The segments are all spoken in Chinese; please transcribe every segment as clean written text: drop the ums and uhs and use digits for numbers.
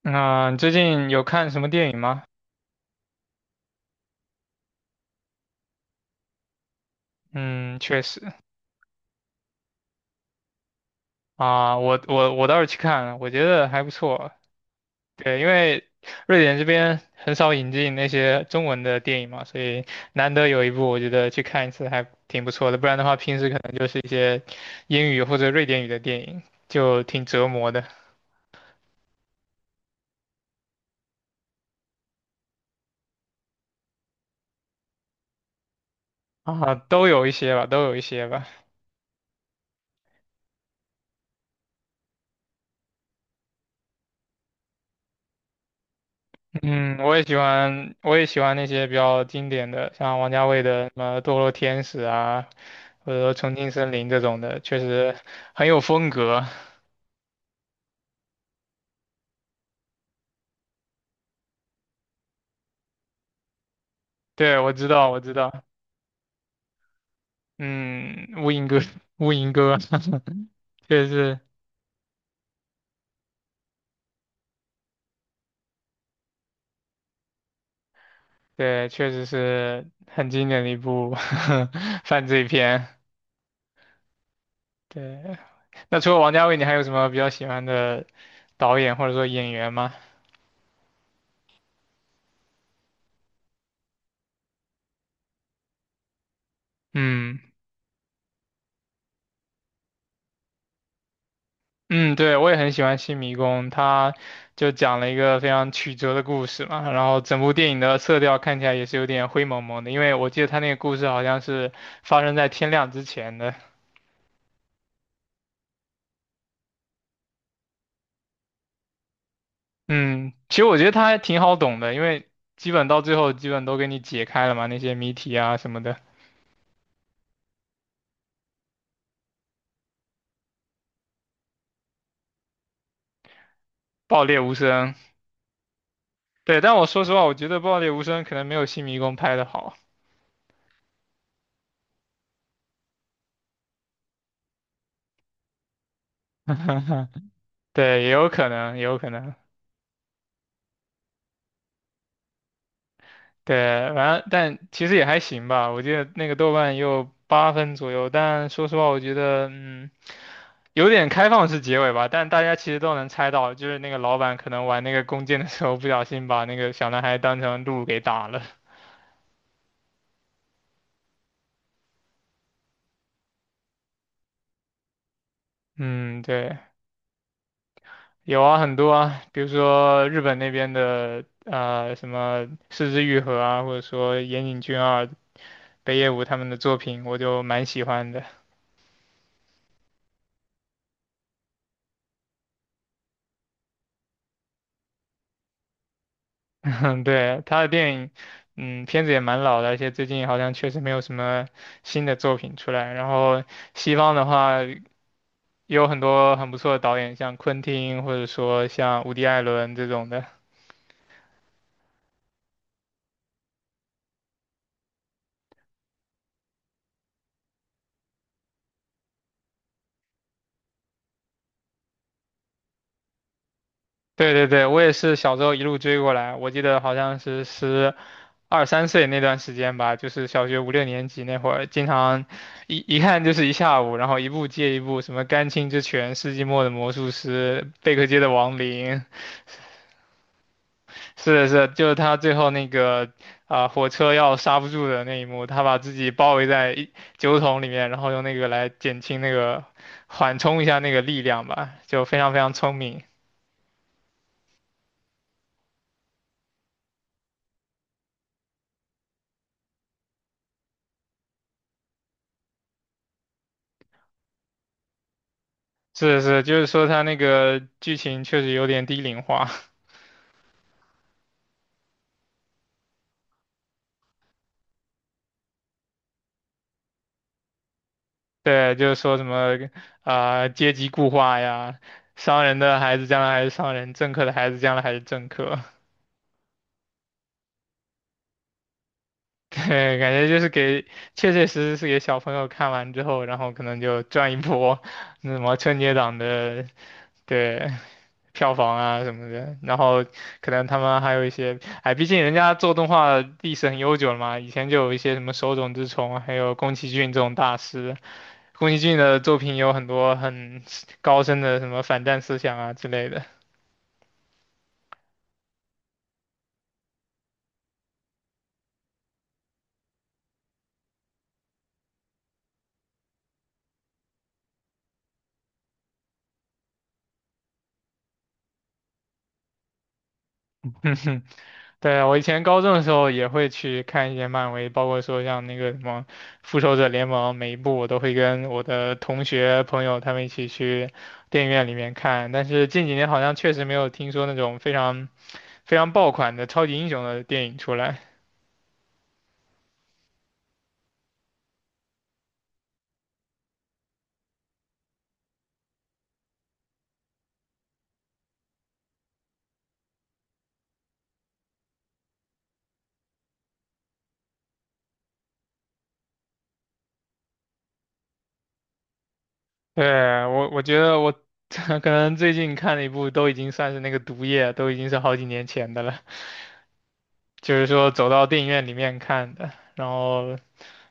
那、你最近有看什么电影吗？嗯，确实。啊，我倒是去看了，我觉得还不错。对，因为瑞典这边很少引进那些中文的电影嘛，所以难得有一部，我觉得去看一次还挺不错的。不然的话，平时可能就是一些英语或者瑞典语的电影，就挺折磨的。啊，都有一些吧，都有一些吧。嗯，我也喜欢，我也喜欢那些比较经典的，像王家卫的什么《堕落天使》啊，或者说《重庆森林》这种的，确实很有风格。对，我知道，我知道。嗯，《乌蝇哥》，《《乌蝇哥》确实是，对，确实是很经典的一部 犯罪片。对，那除了王家卫，你还有什么比较喜欢的导演或者说演员吗？嗯。嗯，对，我也很喜欢《新迷宫》，它就讲了一个非常曲折的故事嘛，然后整部电影的色调看起来也是有点灰蒙蒙的，因为我记得它那个故事好像是发生在天亮之前的。嗯，其实我觉得它还挺好懂的，因为基本到最后基本都给你解开了嘛，那些谜题啊什么的，爆裂无声。对，但我说实话，我觉得爆裂无声可能没有《新迷宫》拍的好。对，也有可能，也有可能。对，完了，但其实也还行吧。我记得那个豆瓣也有八分左右，但说实话，我觉得嗯，有点开放式结尾吧。但大家其实都能猜到，就是那个老板可能玩那个弓箭的时候，不小心把那个小男孩当成鹿给打了。嗯，对，有啊，很多啊，比如说日本那边的什么《四肢愈合》啊，或者说岩井俊二、北野武他们的作品，我就蛮喜欢的。嗯，对，他的电影，嗯，片子也蛮老的，而且最近好像确实没有什么新的作品出来。然后西方的话，也有很多很不错的导演，像昆汀或者说像伍迪·艾伦这种的。对对对，我也是小时候一路追过来，我记得好像是十二三岁那段时间吧，就是小学五六年级那会儿，经常一看就是一下午，然后一部接一部，什么《甘青之拳》《世纪末的魔术师》《贝克街的亡灵》。是的，是的，就是他最后那个啊、火车要刹不住的那一幕，他把自己包围在一酒桶里面，然后用那个来减轻那个缓冲一下那个力量吧，就非常非常聪明。是的是的，就是说他那个剧情确实有点低龄化。对，就是说什么啊、阶级固化呀，商人的孩子将来还是商人，政客的孩子将来还是政客，对，感觉就是给，确确实实是给小朋友看完之后，然后可能就赚一波，那什么春节档的，对，票房啊什么的，然后可能他们还有一些，哎，毕竟人家做动画历史很悠久了嘛，以前就有一些什么手冢治虫，还有宫崎骏这种大师，宫崎骏的作品有很多很高深的什么反战思想啊之类的。对啊，我以前高中的时候也会去看一些漫威，包括说像那个什么《复仇者联盟》，每一部我都会跟我的同学朋友他们一起去电影院里面看。但是近几年好像确实没有听说那种非常非常爆款的超级英雄的电影出来。对，我觉得我 可能最近看了一部都已经算是那个《毒液》，都已经是好几年前的了，就是说走到电影院里面看的，然后。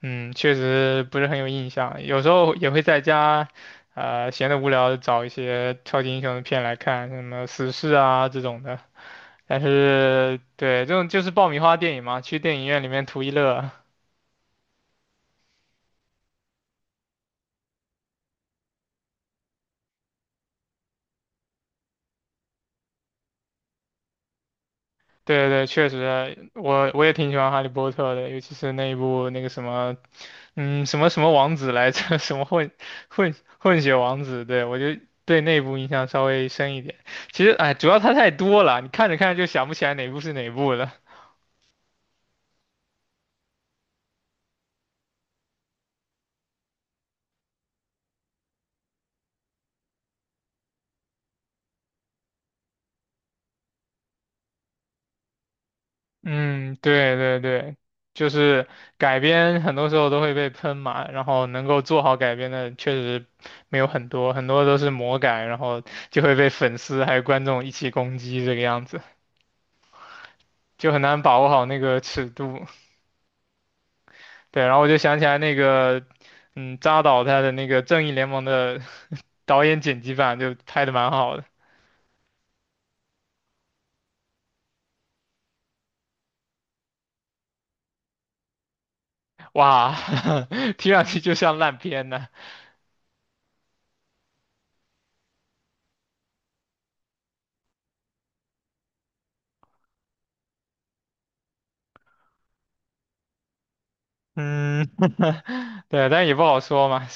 嗯，确实不是很有印象，有时候也会在家，闲得无聊找一些超级英雄的片来看，什么死侍啊这种的。但是，对，这种就是爆米花电影嘛，去电影院里面图一乐。对对，确实，我也挺喜欢哈利波特的，尤其是那一部那个什么，嗯，什么什么王子来着，什么混血王子，对，我就对那部印象稍微深一点。其实，哎，主要它太多了，你看着看着就想不起来哪部是哪部了。嗯，对对对，就是改编很多时候都会被喷嘛，然后能够做好改编的确实没有很多，很多都是魔改，然后就会被粉丝还有观众一起攻击这个样子，就很难把握好那个尺度。对，然后我就想起来那个，嗯，扎导他的那个《正义联盟》的导演剪辑版就拍的蛮好的。哇，听上去就像烂片呢。嗯，对，但也不好说嘛，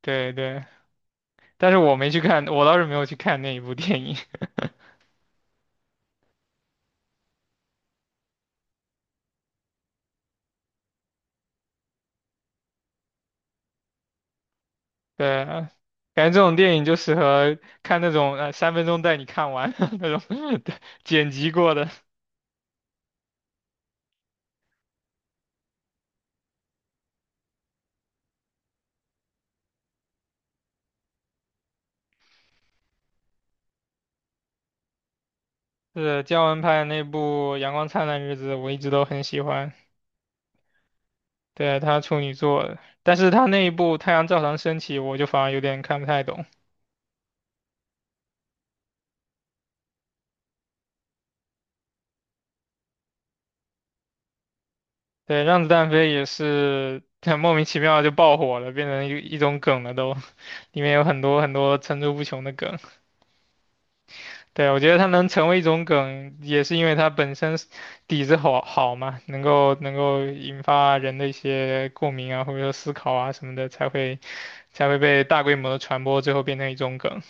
对对。但是我没去看，我倒是没有去看那一部电影。对啊，感觉这种电影就适合看那种三分钟带你看完 那种， 对，剪辑过的。是姜文拍的那部《阳光灿烂的日子》，我一直都很喜欢。对，他处女座的，但是他那一部《太阳照常升起》，我就反而有点看不太懂。对，《让子弹飞》也是很 莫名其妙就爆火了，变成一种梗了都，里面有很多很多层出不穷的梗。对，我觉得它能成为一种梗，也是因为它本身是底子好嘛，能够引发人的一些共鸣啊，或者说思考啊什么的，才会才会被大规模的传播，最后变成一种梗。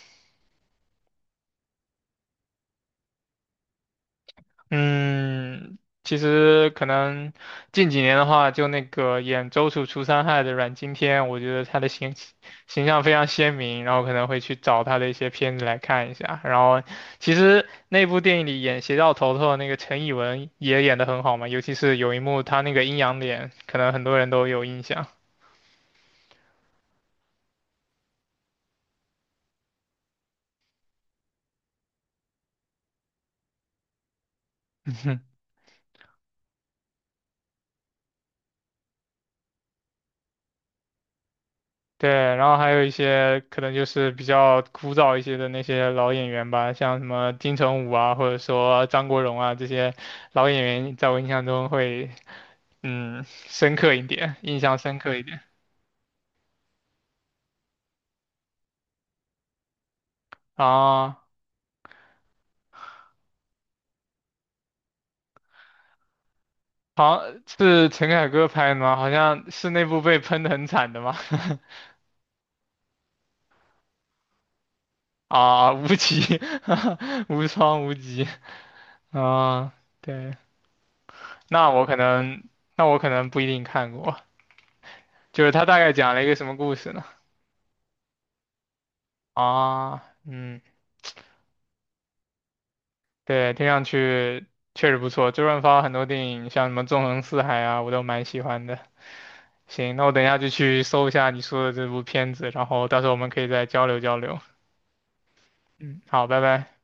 嗯，其实可能近几年的话，就那个演周处除三害的阮经天，我觉得他的形象非常鲜明，然后可能会去找他的一些片子来看一下。然后，其实那部电影里演邪教头头的那个陈以文也演得很好嘛，尤其是有一幕他那个阴阳脸，可能很多人都有印象。对，然后还有一些可能就是比较枯燥一些的那些老演员吧，像什么金城武啊，或者说张国荣啊这些老演员，在我印象中会嗯深刻一点，印象深刻一点啊。好，是陈凯歌拍的吗？好像是那部被喷的很惨的吗？啊，无极，无双无极啊，对，那我可能，那我可能不一定看过，就是他大概讲了一个什么故事呢？啊，嗯。对，听上去确实不错。周润发很多电影，像什么《纵横四海》啊，我都蛮喜欢的。行，那我等一下就去搜一下你说的这部片子，然后到时候我们可以再交流交流。嗯，好，拜拜。